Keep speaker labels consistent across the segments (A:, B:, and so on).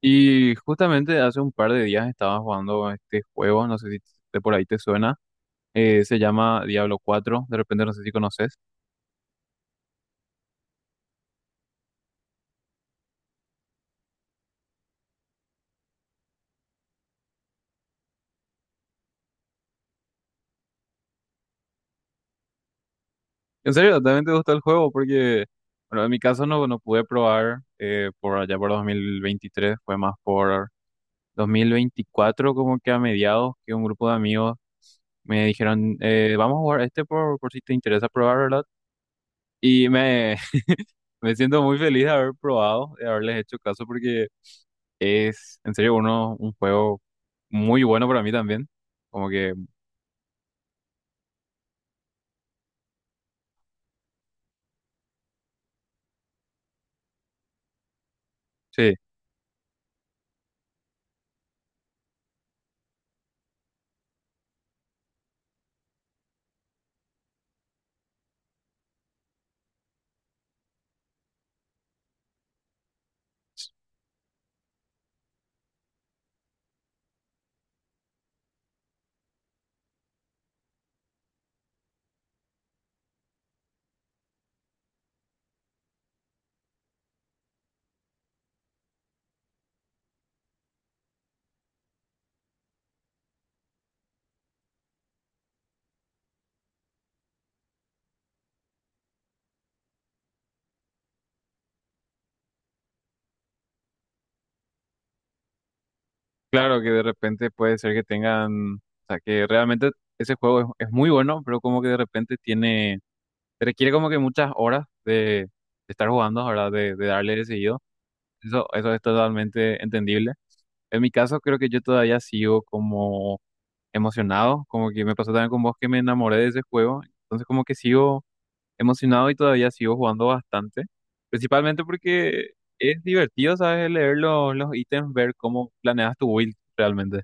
A: Y justamente hace un par de días estaba jugando este juego, no sé si de por ahí te suena, se llama Diablo cuatro. De repente no sé si conoces. En serio, también te gustó el juego porque, bueno, en mi caso no pude probar, por allá por 2023. Fue más por 2024 como que a mediados, que un grupo de amigos me dijeron, vamos a jugar este por si te interesa probar, ¿verdad? Y me, me siento muy feliz de haber probado, de haberles hecho caso porque... Es en serio uno, un juego muy bueno para mí también. Como que, sí, claro que de repente puede ser que tengan, o sea, que realmente ese juego es muy bueno, pero como que de repente tiene, requiere como que muchas horas de estar jugando, ¿verdad? De darle de seguido. Eso es totalmente entendible. En mi caso, creo que yo todavía sigo como emocionado, como que me pasó también con vos, que me enamoré de ese juego. Entonces, como que sigo emocionado y todavía sigo jugando bastante, principalmente porque es divertido, ¿sabes? Leer los ítems, ver cómo planeas tu build realmente.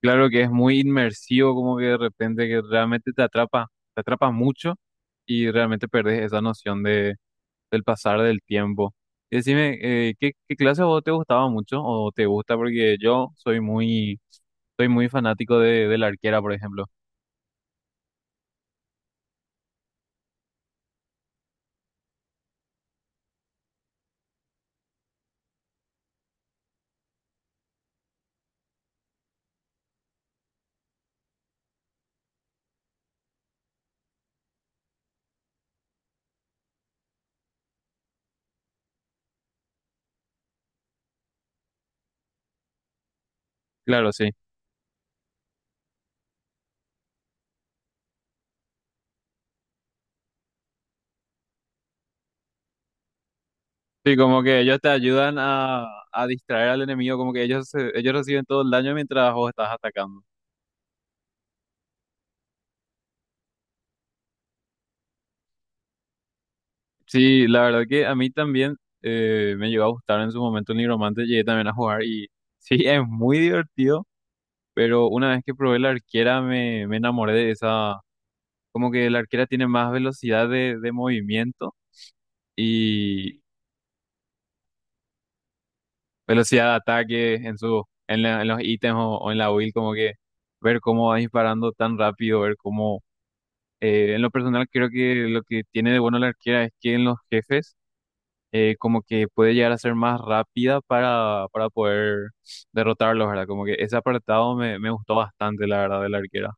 A: Claro que es muy inmersivo, como que de repente que realmente te atrapa mucho y realmente perdés esa noción de, del pasar del tiempo. Y decime, ¿qué, qué clase a vos te gustaba mucho o te gusta? Porque yo soy muy fanático de la arquera, por ejemplo. Claro, sí. Sí, como que ellos te ayudan a distraer al enemigo, como que ellos, ellos reciben todo el daño mientras vos estás atacando. Sí, la verdad que a mí también, me llegó a gustar en su momento el Nigromante, llegué también a jugar y sí, es muy divertido, pero una vez que probé la arquera me, me enamoré de esa, como que la arquera tiene más velocidad de movimiento y velocidad de ataque en su, en los ítems o en la build, como que ver cómo va disparando tan rápido, ver cómo... En lo personal creo que lo que tiene de bueno la arquera es que en los jefes, como que puede llegar a ser más rápida para poder derrotarlos, ¿verdad? Como que ese apartado me, me gustó bastante, la verdad, de la arquera.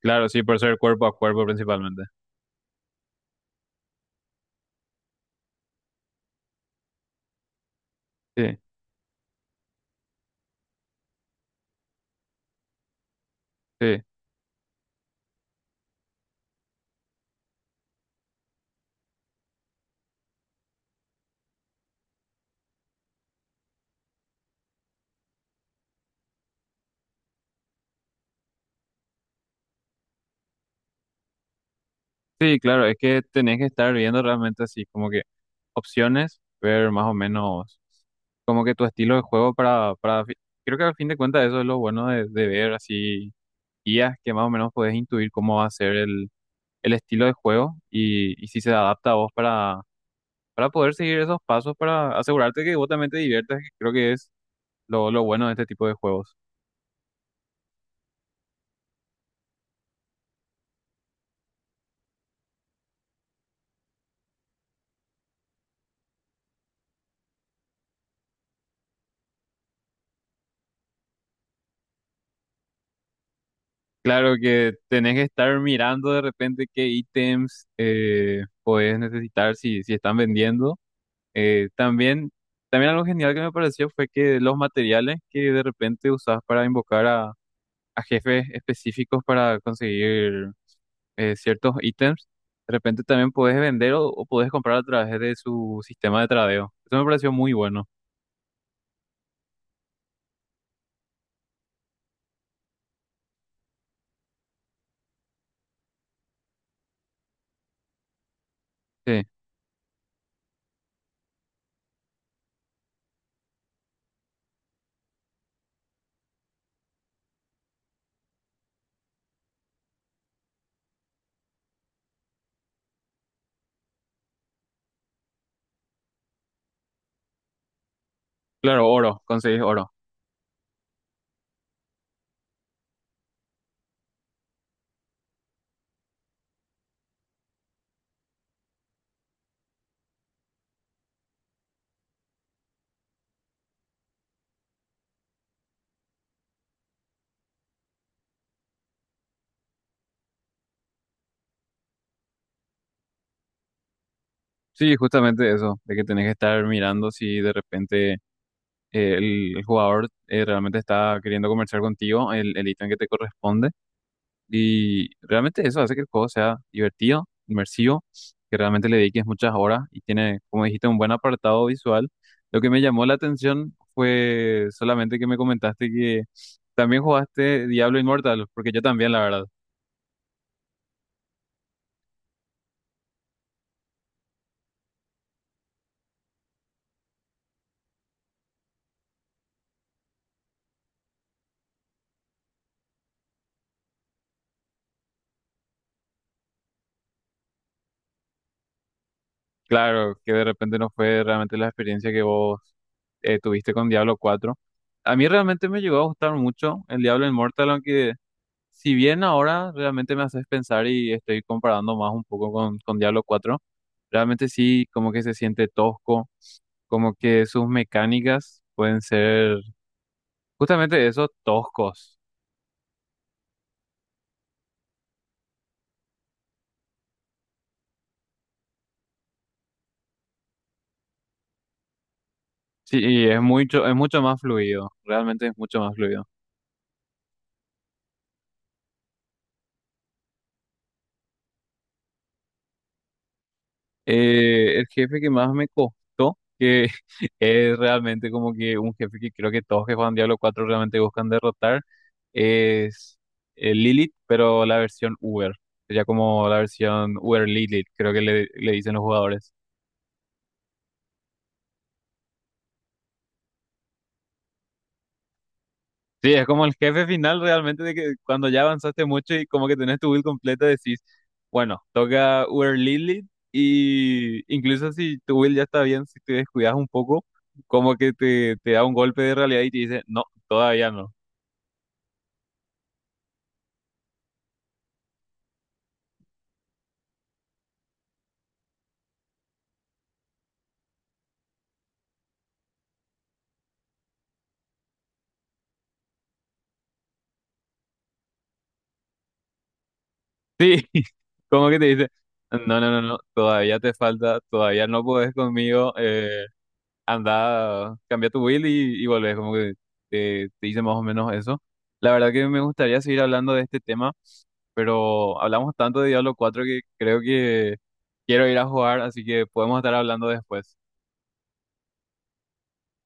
A: Claro, sí, por ser cuerpo a cuerpo principalmente. Sí, sí, sí, claro, es que tenés que estar viendo realmente así, como que opciones, ver más o menos como que tu estilo de juego para, para. Creo que al fin de cuentas eso es lo bueno de ver así guías, que más o menos puedes intuir cómo va a ser el estilo de juego y si se adapta a vos para poder seguir esos pasos, para asegurarte que vos también te diviertas, que creo que es lo bueno de este tipo de juegos. Claro que tenés que estar mirando de repente qué ítems podés necesitar si, si están vendiendo. También, también algo genial que me pareció fue que los materiales que de repente usás para invocar a jefes específicos para conseguir, ciertos ítems, de repente también puedes vender o puedes comprar a través de su sistema de tradeo. Eso me pareció muy bueno. Sí, claro, oro, conseguís oro. Sí, justamente eso, de que tenés que estar mirando si de repente, el jugador, realmente está queriendo comerciar contigo el ítem que te corresponde. Y realmente eso hace que el juego sea divertido, inmersivo, que realmente le dediques muchas horas y tiene, como dijiste, un buen apartado visual. Lo que me llamó la atención fue solamente que me comentaste que también jugaste Diablo Immortal, porque yo también, la verdad. Claro, que de repente no fue realmente la experiencia que vos, tuviste con Diablo cuatro. A mí realmente me llegó a gustar mucho el Diablo Immortal, aunque... Si bien ahora realmente me haces pensar y estoy comparando más un poco con Diablo cuatro, realmente sí, como que se siente tosco, como que sus mecánicas pueden ser justamente eso, toscos. Sí, y es mucho más fluido, realmente es mucho más fluido. El jefe que más me costó, que es realmente como que un jefe que creo que todos que juegan Diablo cuatro realmente buscan derrotar, es Lilith, pero la versión Uber, ya como la versión Uber Lilith, creo que le dicen los jugadores. Sí, es como el jefe final realmente, de que cuando ya avanzaste mucho y como que tenés tu build completa decís, bueno, toca Uber Lilith. Y incluso si tu build ya está bien, si te descuidas un poco, como que te da un golpe de realidad y te dice, no, todavía no. Sí, como que te dice, no, no, no, no, todavía te falta, todavía no podés conmigo. Anda, cambia tu build y volvés, como que te dice más o menos eso. La verdad que me gustaría seguir hablando de este tema, pero hablamos tanto de Diablo cuatro que creo que quiero ir a jugar, así que podemos estar hablando después.